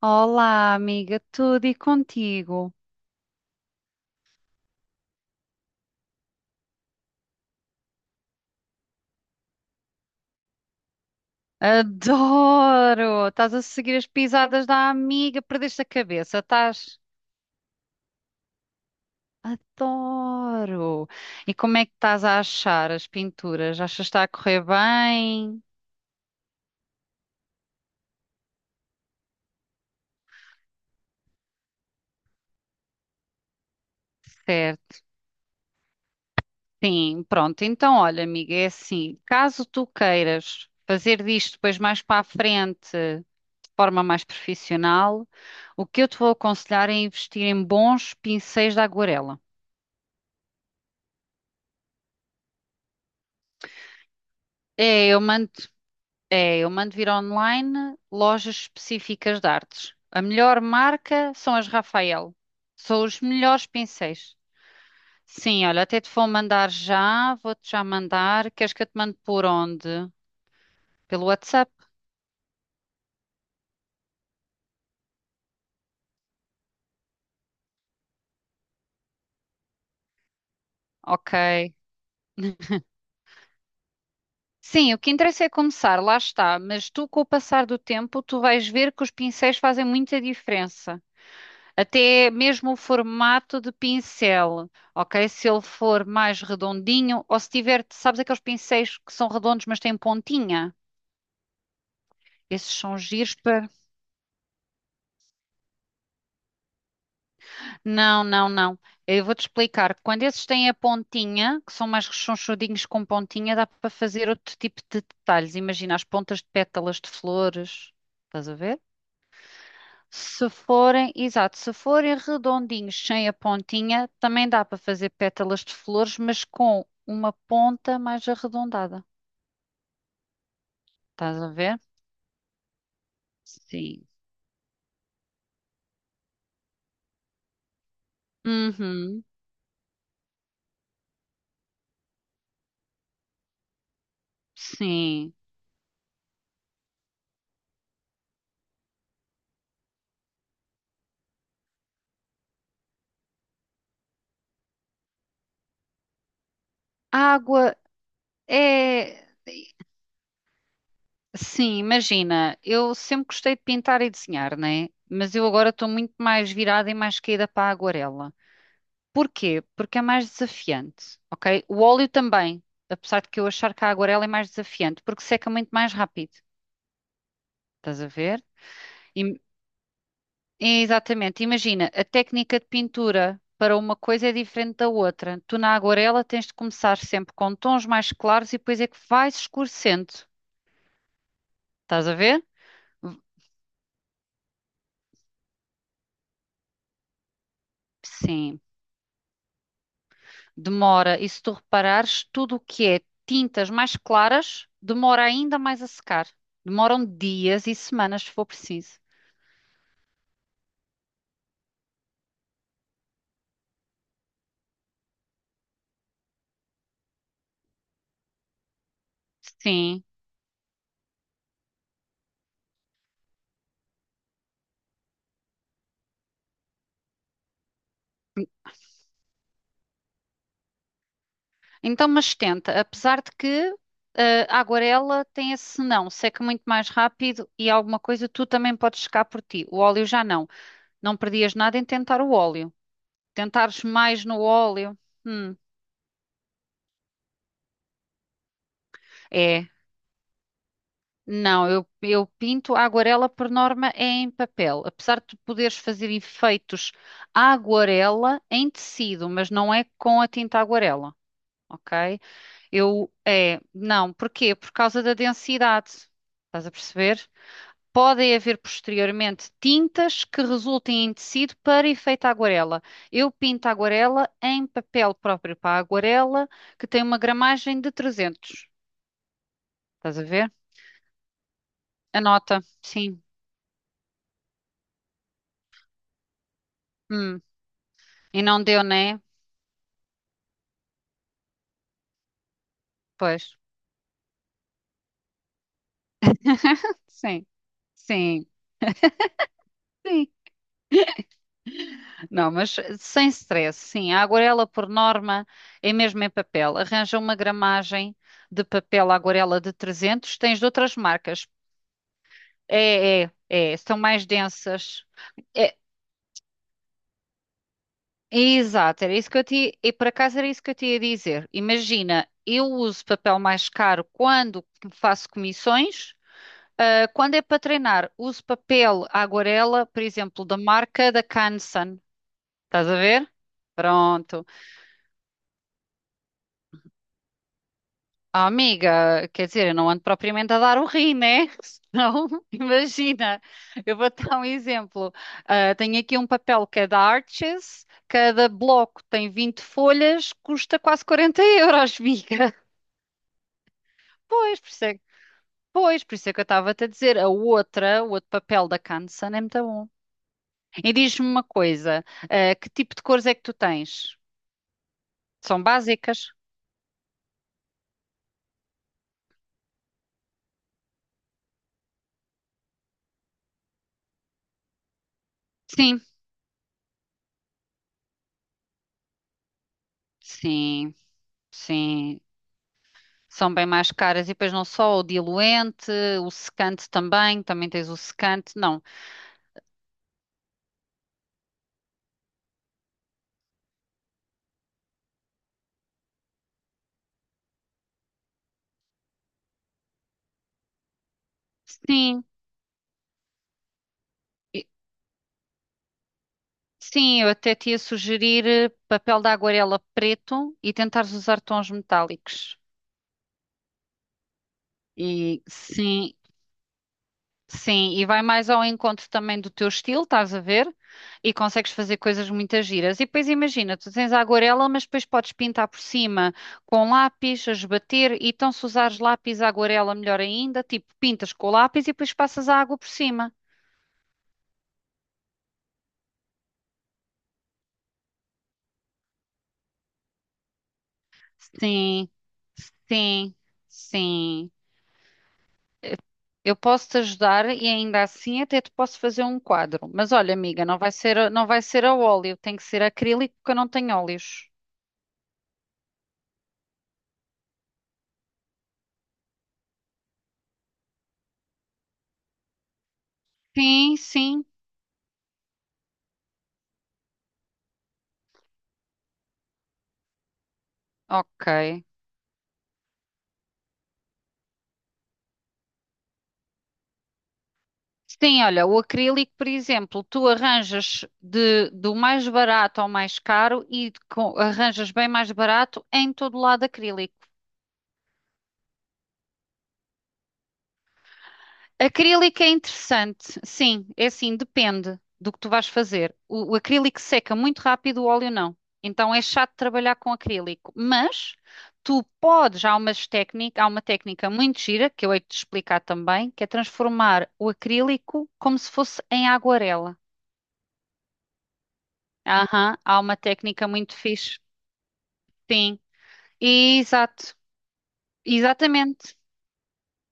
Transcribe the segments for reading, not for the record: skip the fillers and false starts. Olá, amiga, tudo e contigo? Adoro! Estás a seguir as pisadas da amiga, perdeste a cabeça, estás? Adoro! E como é que estás a achar as pinturas? Achas que está a correr bem? Certo, sim, pronto. Então, olha, amiga, é assim: caso tu queiras fazer disto depois mais para a frente, de forma mais profissional, o que eu te vou aconselhar é investir em bons pincéis de aguarela. É, eu mando. É, eu mando vir online lojas específicas de artes. A melhor marca são as Rafael. São os melhores pincéis. Sim, olha, até te vou mandar já, vou-te já mandar. Queres que eu te mande por onde? Pelo WhatsApp? Ok. Sim, o que interessa é começar, lá está. Mas tu, com o passar do tempo, tu vais ver que os pincéis fazem muita diferença. Até mesmo o formato de pincel, ok? Se ele for mais redondinho, ou se tiver, sabes aqueles pincéis que são redondos, mas têm pontinha? Esses são giros para. Não, não, não. Eu vou-te explicar. Quando esses têm a pontinha, que são mais rechonchudinhos com pontinha, dá para fazer outro tipo de detalhes. Imagina as pontas de pétalas de flores. Estás a ver? Se forem, exato, se forem redondinhos sem a pontinha, também dá para fazer pétalas de flores, mas com uma ponta mais arredondada. Estás a ver? Sim. Uhum, sim. A água é. Sim, imagina, eu sempre gostei de pintar e desenhar, né? Mas eu agora estou muito mais virada e mais caída para a aguarela. Porquê? Porque é mais desafiante, ok? O óleo também, apesar de que eu achar que a aguarela é mais desafiante, porque seca muito mais rápido. Estás a ver? Im- É, exatamente. Imagina, a técnica de pintura para uma coisa é diferente da outra. Tu na aguarela tens de começar sempre com tons mais claros e depois é que vais escurecendo. Estás a ver? V- Sim. Demora. E se tu reparares, tudo o que é tintas mais claras demora ainda mais a secar. Demoram dias e semanas se for preciso. Sim. Então, mas tenta, apesar de que a aguarela tem esse não, seca muito mais rápido e alguma coisa tu também podes secar por ti. O óleo já não. Não perdias nada em tentar o óleo. Tentares mais no óleo. hum, é. Não, eu pinto a aguarela por norma é em papel. Apesar de tu poderes fazer efeitos à aguarela em tecido, mas não é com a tinta aguarela, ok? Eu, é, não, porquê? Por causa da densidade. Estás a perceber? Podem haver posteriormente tintas que resultem em tecido para efeito aguarela. Eu pinto a aguarela em papel próprio para a aguarela, que tem uma gramagem de 300. Estás a ver? Anota, sim. Hum. E não deu, né? Pois. Sim, sim, sim. Não, mas sem stress, sim. A aguarela, por norma, é mesmo em papel. Arranja uma gramagem de papel aguarela de 300. Tens de outras marcas. É, é, é, são mais densas. É, exato, era isso que eu te, e por acaso era isso que eu te ia dizer. Imagina, eu uso papel mais caro quando faço comissões, ah, quando é para treinar, uso papel aguarela, por exemplo, da marca da Canson. Estás a ver? Pronto. Ah, amiga, quer dizer, eu não ando propriamente a dar o rim, né? Senão, imagina, eu vou dar um exemplo. Ah, tenho aqui um papel cada arches, cada bloco tem 20 folhas, custa quase 40 euros, amiga. Pois, pois, por isso é que eu estava-te a dizer, o outro papel da Canson é muito bom. E diz-me uma coisa, ah, que tipo de cores é que tu tens? São básicas? Sim, sim, sim. São bem mais caras e depois não só o diluente, o secante também, também tens o secante, não. Sim, e- sim, eu até te ia sugerir papel de aguarela preto e tentares usar tons metálicos. E sim, sim, e vai mais ao encontro também do teu estilo, estás a ver? E consegues fazer coisas muito giras. E depois imagina, tu tens a aguarela, mas depois podes pintar por cima com lápis, a esbater, e então se usares lápis à aguarela, melhor ainda, tipo, pintas com o lápis e depois passas a água por cima. Sim, sim, sim. Eu posso te ajudar e ainda assim até te posso fazer um quadro. Mas olha, amiga, não vai ser, não vai ser a óleo, tem que ser acrílico porque eu não tenho óleos. Sim, sim. Ok. Sim, olha, o acrílico, por exemplo, tu arranjas de, do mais barato ao mais caro e arranjas bem mais barato em todo lado acrílico. Acrílico é interessante, sim, é assim, depende do que tu vais fazer. O acrílico seca muito rápido, o óleo não. Então é chato trabalhar com acrílico, mas tu podes, há uma técnica muito gira que eu hei de te explicar também, que é transformar o acrílico como se fosse em aguarela. Aham, há uma técnica muito fixe. Sim, exato, exatamente,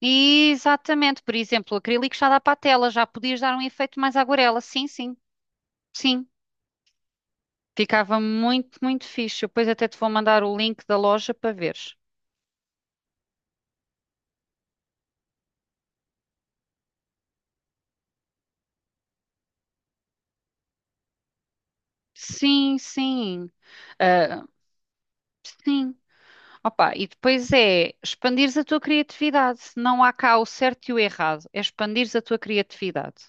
exatamente. Por exemplo, o acrílico já dá para a tela, já podias dar um efeito mais aguarela. Sim, sim, sim. Ficava muito, muito fixe. Eu depois até te vou mandar o link da loja para veres. Sim, sim. Ah, sim. Opa, e depois é expandires a tua criatividade. Não há cá o certo e o errado. É expandires a tua criatividade.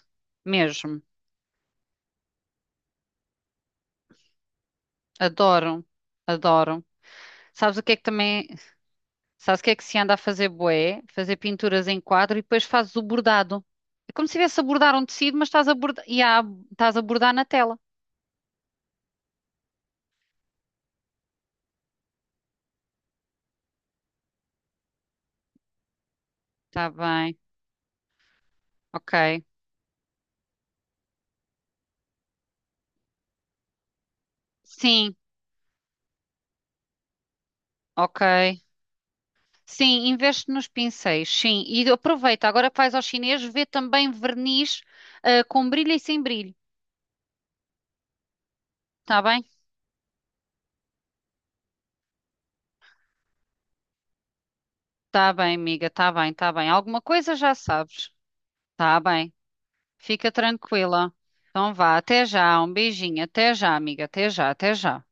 Mesmo. Adoro. Adoro. Sabes o que é que também. Sabes o que é que se anda a fazer bué? Fazer pinturas em quadro e depois fazes o bordado. É como se estivesse a bordar um tecido, mas estás a bordar, e estás a bordar na tela. Está bem, ok. Sim, ok. Sim, investe nos pincéis, sim. E aproveita, agora que vais ao chinês, vê também verniz, ah, com brilho e sem brilho. Está bem? Está bem, amiga, está bem, está bem. Alguma coisa já sabes. Está bem, fica tranquila. Então vá, até já, um beijinho, até já, amiga, até já, até já.